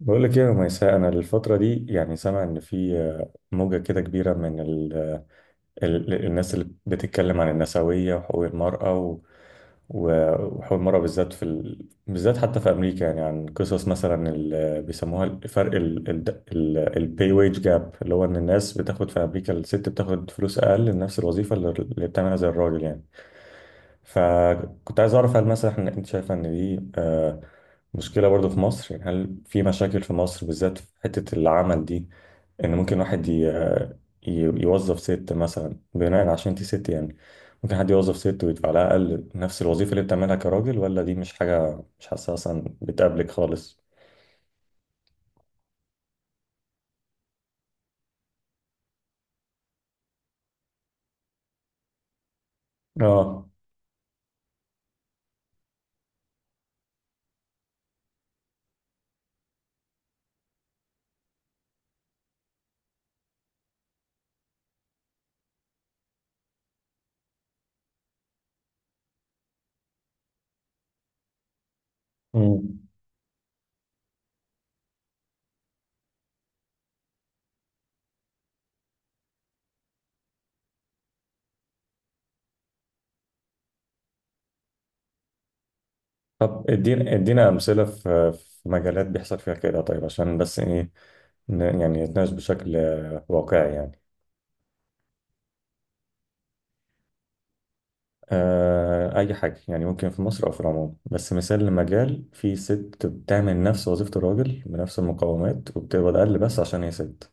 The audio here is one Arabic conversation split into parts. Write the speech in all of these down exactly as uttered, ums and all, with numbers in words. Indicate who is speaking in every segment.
Speaker 1: بقول لك ايه يا ميساء. انا الفتره دي يعني سامع ان في آه، موجه كده كبيره من ال... ال... الناس اللي بتتكلم عن النسويه وحقوق المراه، وحول مرة بالذات في ال... بالذات حتى في أمريكا، يعني عن قصص مثلا اللي بيسموها الفرق ال... ال... ال... البي ويج جاب، اللي هو إن الناس بتاخد في أمريكا، الست بتاخد فلوس أقل لنفس الوظيفة اللي اللي بتعملها زي الراجل يعني. فكنت عايز أعرف هل مثلا إحنا- أنت شايفة إن دي آه، مشكلة برضو في مصر؟ يعني هل في مشاكل في مصر بالذات في حتة العمل دي، ان ممكن واحد ي... ي- يوظف ست مثلا بناء عشان انت ست يعني، ممكن حد يوظف ست ويدفع لها اقل نفس الوظيفه اللي بتعملها كراجل؟ ولا دي مش حاجه، مش حاسسها اصلا بتقابلك خالص؟ اه. مم. طب ادينا ادينا امثله في في مجالات بيحصل فيها كده، طيب، عشان بس ايه، ن- يعني نتناقش بشكل آه، واقعي يعني. آه، اي حاجه يعني، ممكن في مصر او في العموم، بس مثال لمجال فيه ست بتعمل نفس وظيفه الراجل بنفس المقومات وبتقبض اقل بس عشان هي ست.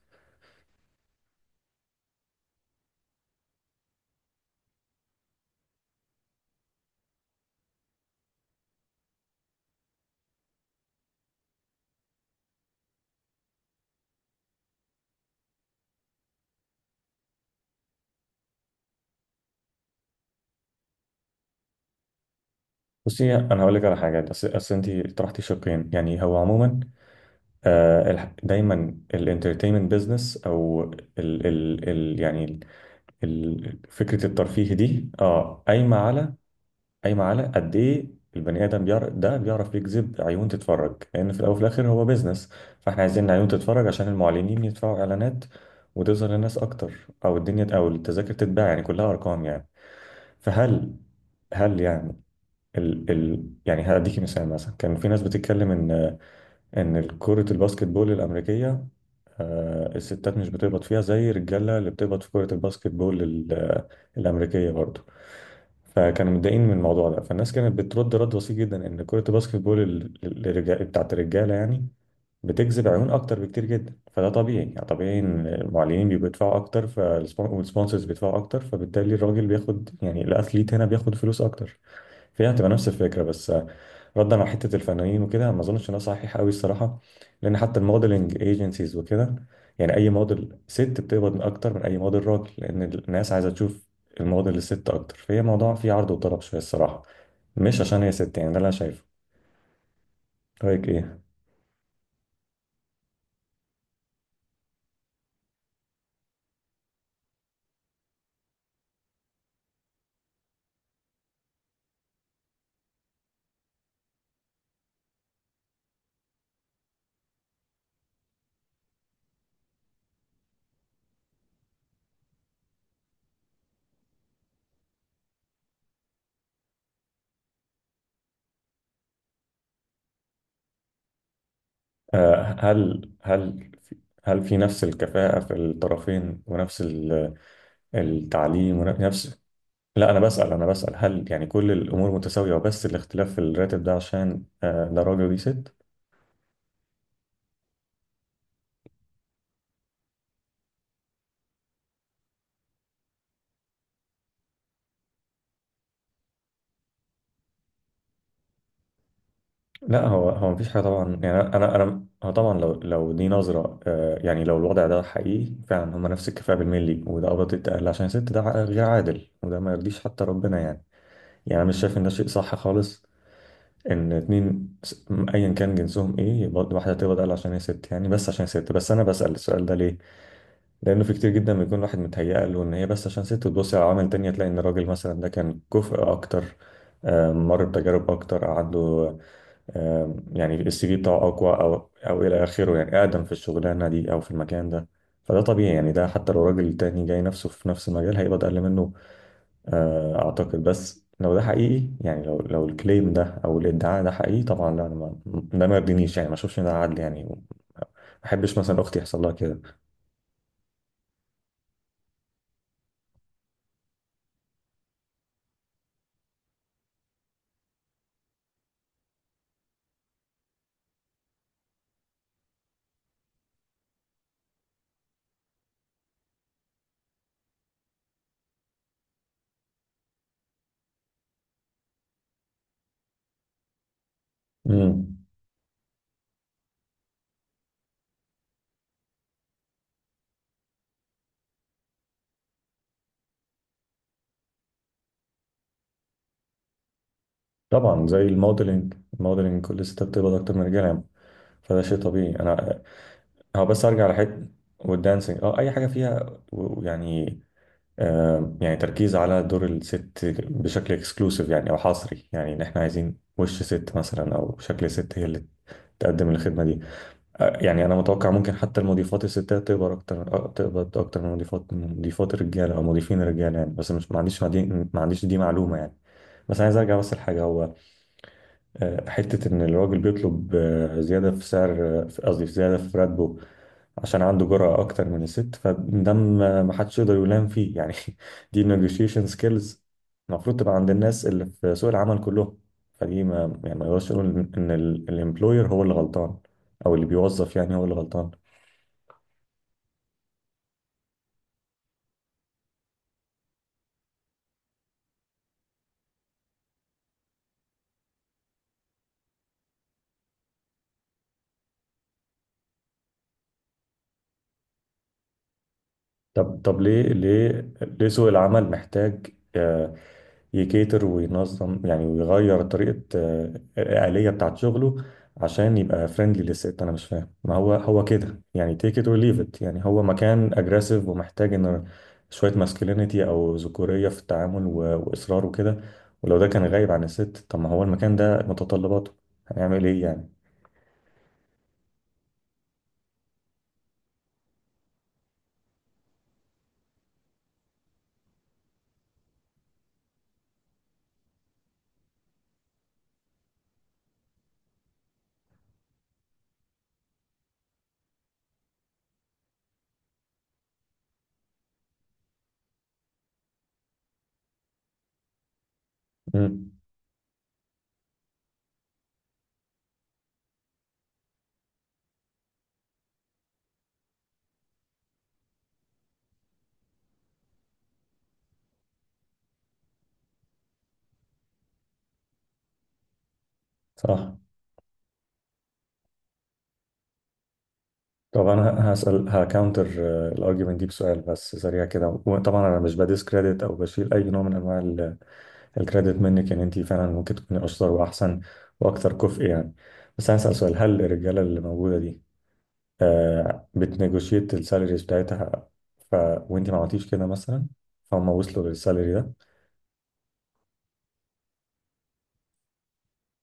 Speaker 1: بصي انا هقول لك على حاجه. اصل أصل انت طرحتي شقين يعني. هو عموما آه الح- دايما الانترتينمنت بزنس، او ال ال ال يعني ال فكره الترفيه دي، اه، قايمه على، قايمه على قد ايه البني ادم بيعرف، ده بيعرف يجذب عيون تتفرج، لان في الاول وفي الاخر هو بزنس. فاحنا عايزين عيون تتفرج عشان المعلنين يدفعوا اعلانات، وتظهر للناس اكتر، او الدنيا، او التذاكر تتباع، يعني كلها ارقام يعني. فهل، هل يعني، ال ال يعني هديكي مثال. مثلا كان في ناس بتتكلم ان ان كرة الباسكت بول الامريكية، آه، الستات مش بتقبض فيها زي الرجالة اللي بتقبض في كرة الباسكت بول ال- الامريكية برضه، فكانوا متضايقين من الموضوع ده. فالناس كانت بترد رد بسيط جدا، ان كرة الباسكت بول ال- ال- الرجا- بتاعت الرجالة يعني بتجذب عيون اكتر بكتير جدا، فده طبيعي يعني. طبيعي ان المعلنين بيبقوا يدفعوا اكتر، فالسبونسرز بيدفعوا اكتر، فبالتالي الراجل بياخد، يعني الاتhlete هنا بياخد فلوس اكتر. فهي هتبقى نفس الفكرة بس. ردا على حته الفنانين وكده، ما اظنش ان ده صحيح قوي الصراحه، لان حتى الموديلنج ايجنسيز وكده يعني، اي موديل ست بتقبض اكتر من اي موديل راجل، لان الناس عايزه تشوف الموديل الست اكتر، فهي موضوع فيه عرض وطلب شويه الصراحه، مش عشان هي ست يعني. ده اللي انا شايفه. رايك ايه؟ آه هل هل في هل في نفس الكفاءه في الطرفين؟ ونفس ال- التعليم ونفس... لا انا بسال، انا بسال هل يعني كل الامور متساويه، وبس الاختلاف في الراتب ده عشان آه، ده راجل ودي ست؟ لا، هو هو مفيش حاجه طبعا يعني. انا انا هو طبعا لو لو دي نظره، آه، يعني لو الوضع ده حقيقي فعلا، هم نفس الكفاءه بالملي، وده قبض التقل عشان الست، ده عق- غير عادل، وده ما يرضيش حتى ربنا يعني. يعني انا مش شايف ان ده شيء صح خالص، ان اتنين س- ايا كان جنسهم ايه، يبقى واحده تقبض اقل عشان هي ست يعني. بس عشان ست. بس انا بسال السؤال ده ليه؟ لانه في كتير جدا بيكون واحد متهيأ له ان هي بس عشان ست، وتبص على عوامل تانية تلاقي ان الراجل مثلا ده كان كفء اكتر، آه، مر بتجارب اكتر، عنده آم، يعني السي في بتاعه اقوى، او او الى اخره، يعني اقدم في الشغلانه دي او في المكان ده، فده طبيعي يعني. ده حتى لو راجل تاني جاي نفسه في نفس المجال هيبقى اقل منه. آه، اعتقد بس لو ده حقيقي يعني، لو لو الكليم ده او الادعاء ده حقيقي، طبعا لا، انا ما ده ما يرضينيش يعني، ما اشوفش ان ده عدل يعني، ما احبش مثلا اختي يحصل لها كده. امم. طبعا زي الموديلنج. الموديلنج كل الستات بتقبض اكتر من الرجاله يعني. فده شيء طبيعي. انا هو بس ارجع لحته والدانسينج، اه، اي حاجه فيها و- يعني آه، يعني تركيز على دور الست بشكل اكسكلوسيف يعني، او حصري يعني، ان احنا عايزين وش ست مثلا، او شكل ست هي اللي تقدم الخدمه دي. آه، يعني انا متوقع ممكن حتى المضيفات الستات تقبض اكتر، آه، تقبض اكتر من مضيفات مضيفات الرجاله او مضيفين الرجاله يعني. بس مش ما عنديش ما دي- ما عنديش دي معلومه يعني. بس عايز ارجع بس لحاجه. هو آه، حتة إن الراجل بيطلب آه، زيادة في سعر، آه، في- قصدي في زيادة في راتبه، عشان عنده جرأة أكتر من الست، فده ما ما حدش يقدر يلام فيه يعني دي negotiation skills المفروض تبقى عند الناس اللي في سوق العمل كلهم، فدي ما يعني ما يقدرش يقول إن الامبلوير هو اللي غلطان، أو اللي بيوظف يعني هو اللي غلطان. طب طب ليه، ليه ليه سوق العمل محتاج آه، يكيتر وينظم يعني، ويغير طريقة آه، الآلية بتاعت شغله عشان يبقى فريندلي للست؟ أنا مش فاهم. ما هو هو كده يعني، take it or leave it، يعني هو مكان أجريسيف ومحتاج إن شوية ماسكلينيتي أو ذكورية في التعامل، و- وإصرار وكده. ولو ده كان غايب عن الست، طب ما هو المكان ده متطلباته، هنعمل إيه يعني؟ امم. صح. طب انا هسال هكاونتر الارجيومنت دي بسؤال بس سريع كده. وطبعا انا مش بديس كريدت او بشيل اي نوع من انواع الكريدت منك يعني، انت فعلا ممكن تكوني اشطر واحسن واكثر كفء يعني. بس هسال سؤال. هل الرجاله اللي موجوده دي آه بتنيجوشيت السالاريز بتاعتها، ف وانت ما عملتيش كده مثلا، فهم وصلوا للسالري ده؟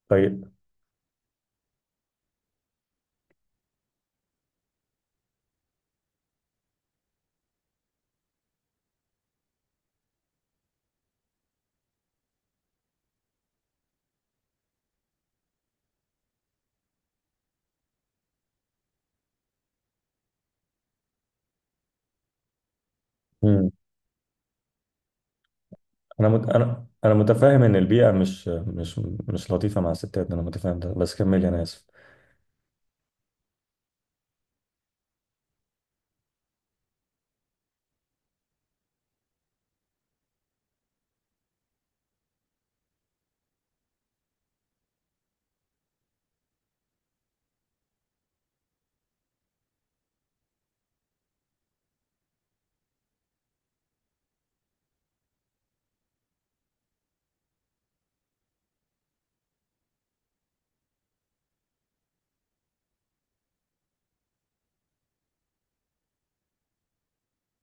Speaker 1: طيب. مم. انا مت... انا انا متفاهم ان البيئه مش مش مش لطيفه مع الستات، انا متفاهم ده، بس كملي، انا اسف.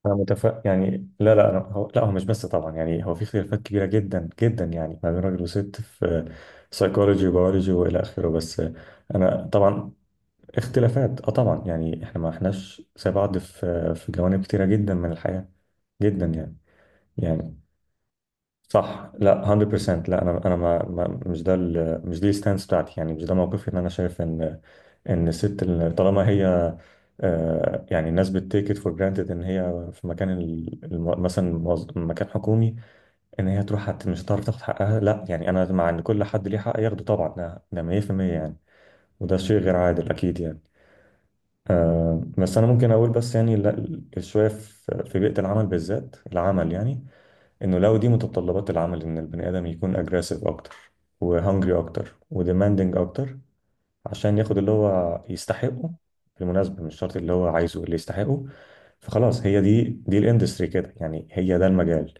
Speaker 1: انا متفق يعني. لا لا، أنا هو لا، هو مش بس طبعا يعني، هو في اختلافات كبيره جدا جدا يعني ما بين راجل وست في سايكولوجي وبيولوجي والى اخره. بس انا طبعا، اختلافات اه طبعا يعني، احنا ما احناش زي بعض في في جوانب كتيره جدا من الحياه، جدا يعني يعني صح، لا مية في المية، لا. انا انا ما ما- مش ده ال- مش دي الستانس بتاعتي يعني، مش ده موقفي. ان انا شايف ان ان الست ال- طالما هي آه، يعني، الناس بتتيك ات فور جرانتد ان هي في مكان ال- الم- مثلا موظ- مكان حكومي، ان هي تروح هت- مش هتعرف تاخد حقها، لا يعني، انا مع ان كل حد ليه حق ياخده طبعا، ده ده مية في المية يعني. وده شيء غير عادل اكيد يعني. آه، بس انا ممكن اقول بس يعني لا- شويه، في في بيئه العمل بالذات، العمل يعني، انه لو دي متطلبات العمل، ان البني ادم يكون اجريسيف اكتر، وهنجري اكتر، وديماندنج اكتر، عشان ياخد اللي هو يستحقه، بالمناسبة مش شرط اللي هو عايزه اللي يستحقه، فخلاص هي دي دي الاندستري كده يعني، هي ده المجال.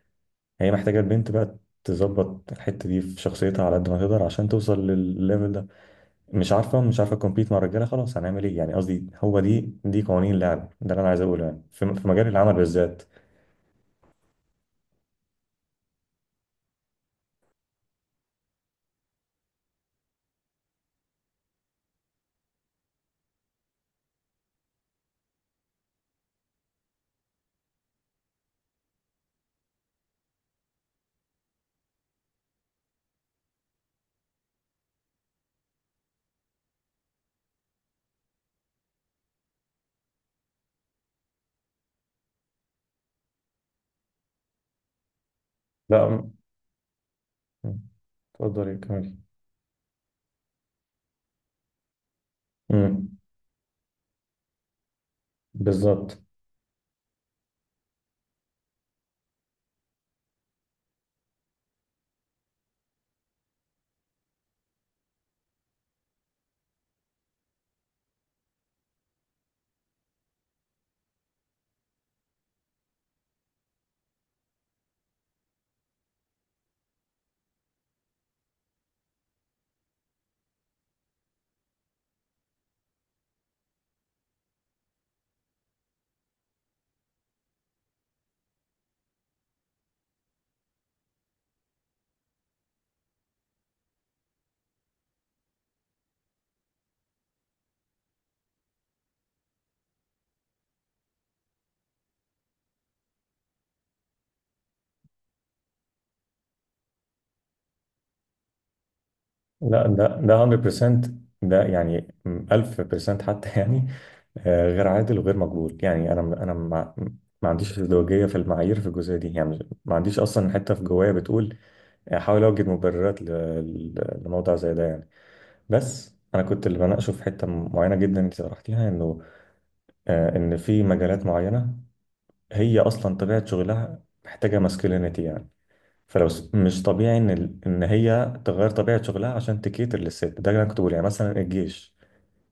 Speaker 1: هي محتاجة البنت بقى تظبط الحتة دي في شخصيتها على قد ما تقدر، عشان توصل للليفل ده. مش عارفة مش عارفة تكمبيت مع الرجالة، خلاص هنعمل ايه يعني؟ قصدي هو دي، دي قوانين اللعب، ده اللي انا عايز اقوله يعني، في في مجال العمل بالذات. لا م- اتفضلي، كملي. بالظبط. لا ده، ده مية في المية، ده يعني ألف في المية حتى يعني، آه، غير عادل وغير مقبول يعني. انا انا ما ما عنديش ازدواجيه في المعايير في الجزئيه دي يعني، ما عنديش اصلا حته في جوايا بتقول احاول اوجد مبررات ل- ل- لموضوع زي ده يعني. بس انا كنت اللي بناقشه في حته معينه جدا انت طرحتيها، انه آه، ان في مجالات معينه هي اصلا طبيعه شغلها محتاجه ماسكلينيتي يعني، فلو س- مش طبيعي ان ال- ان هي تغير طبيعه شغلها عشان تكيتر للست، ده اللي انا كنت بقول يعني. مثلا الجيش،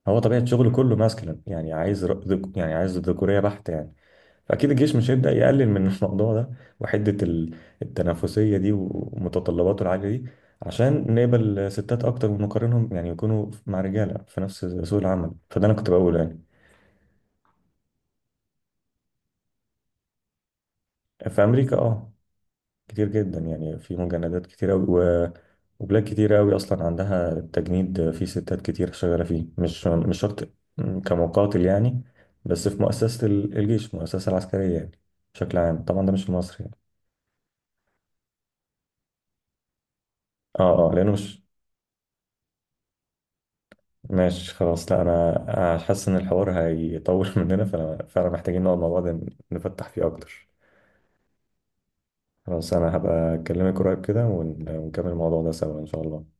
Speaker 1: هو طبيعه شغله كله ماسكلين يعني، عايز ر- ذك- يعني عايز ذكوريه بحت يعني. فاكيد الجيش مش هيبدا يقلل من الموضوع ده وحده، ال- التنافسيه دي ومتطلباته العاليه دي، عشان نقبل ستات اكتر ونقارنهم يعني، يكونوا مع رجاله في نفس سوق العمل. فده انا كنت بقوله يعني. في امريكا اه كتير جدا يعني، في مجندات كتير أوي، و... وبلاد كتير أوي أصلا عندها التجنيد، في ستات كتير شغالة فيه، مش مش شرط كمقاتل يعني، بس في مؤسسة ال- الجيش، المؤسسة العسكرية يعني بشكل عام. طبعا ده مش في مصر يعني. اه، اه، لأنه مش... ماشي، خلاص. لا أنا حاسس إن الحوار هيطول مننا، فأنا فعلا محتاجين نقعد مع بعض نفتح فيه أكتر. خلاص أنا هبقى أكلمك قريب كده، ون- ونكمل الموضوع ده سوا إن شاء الله.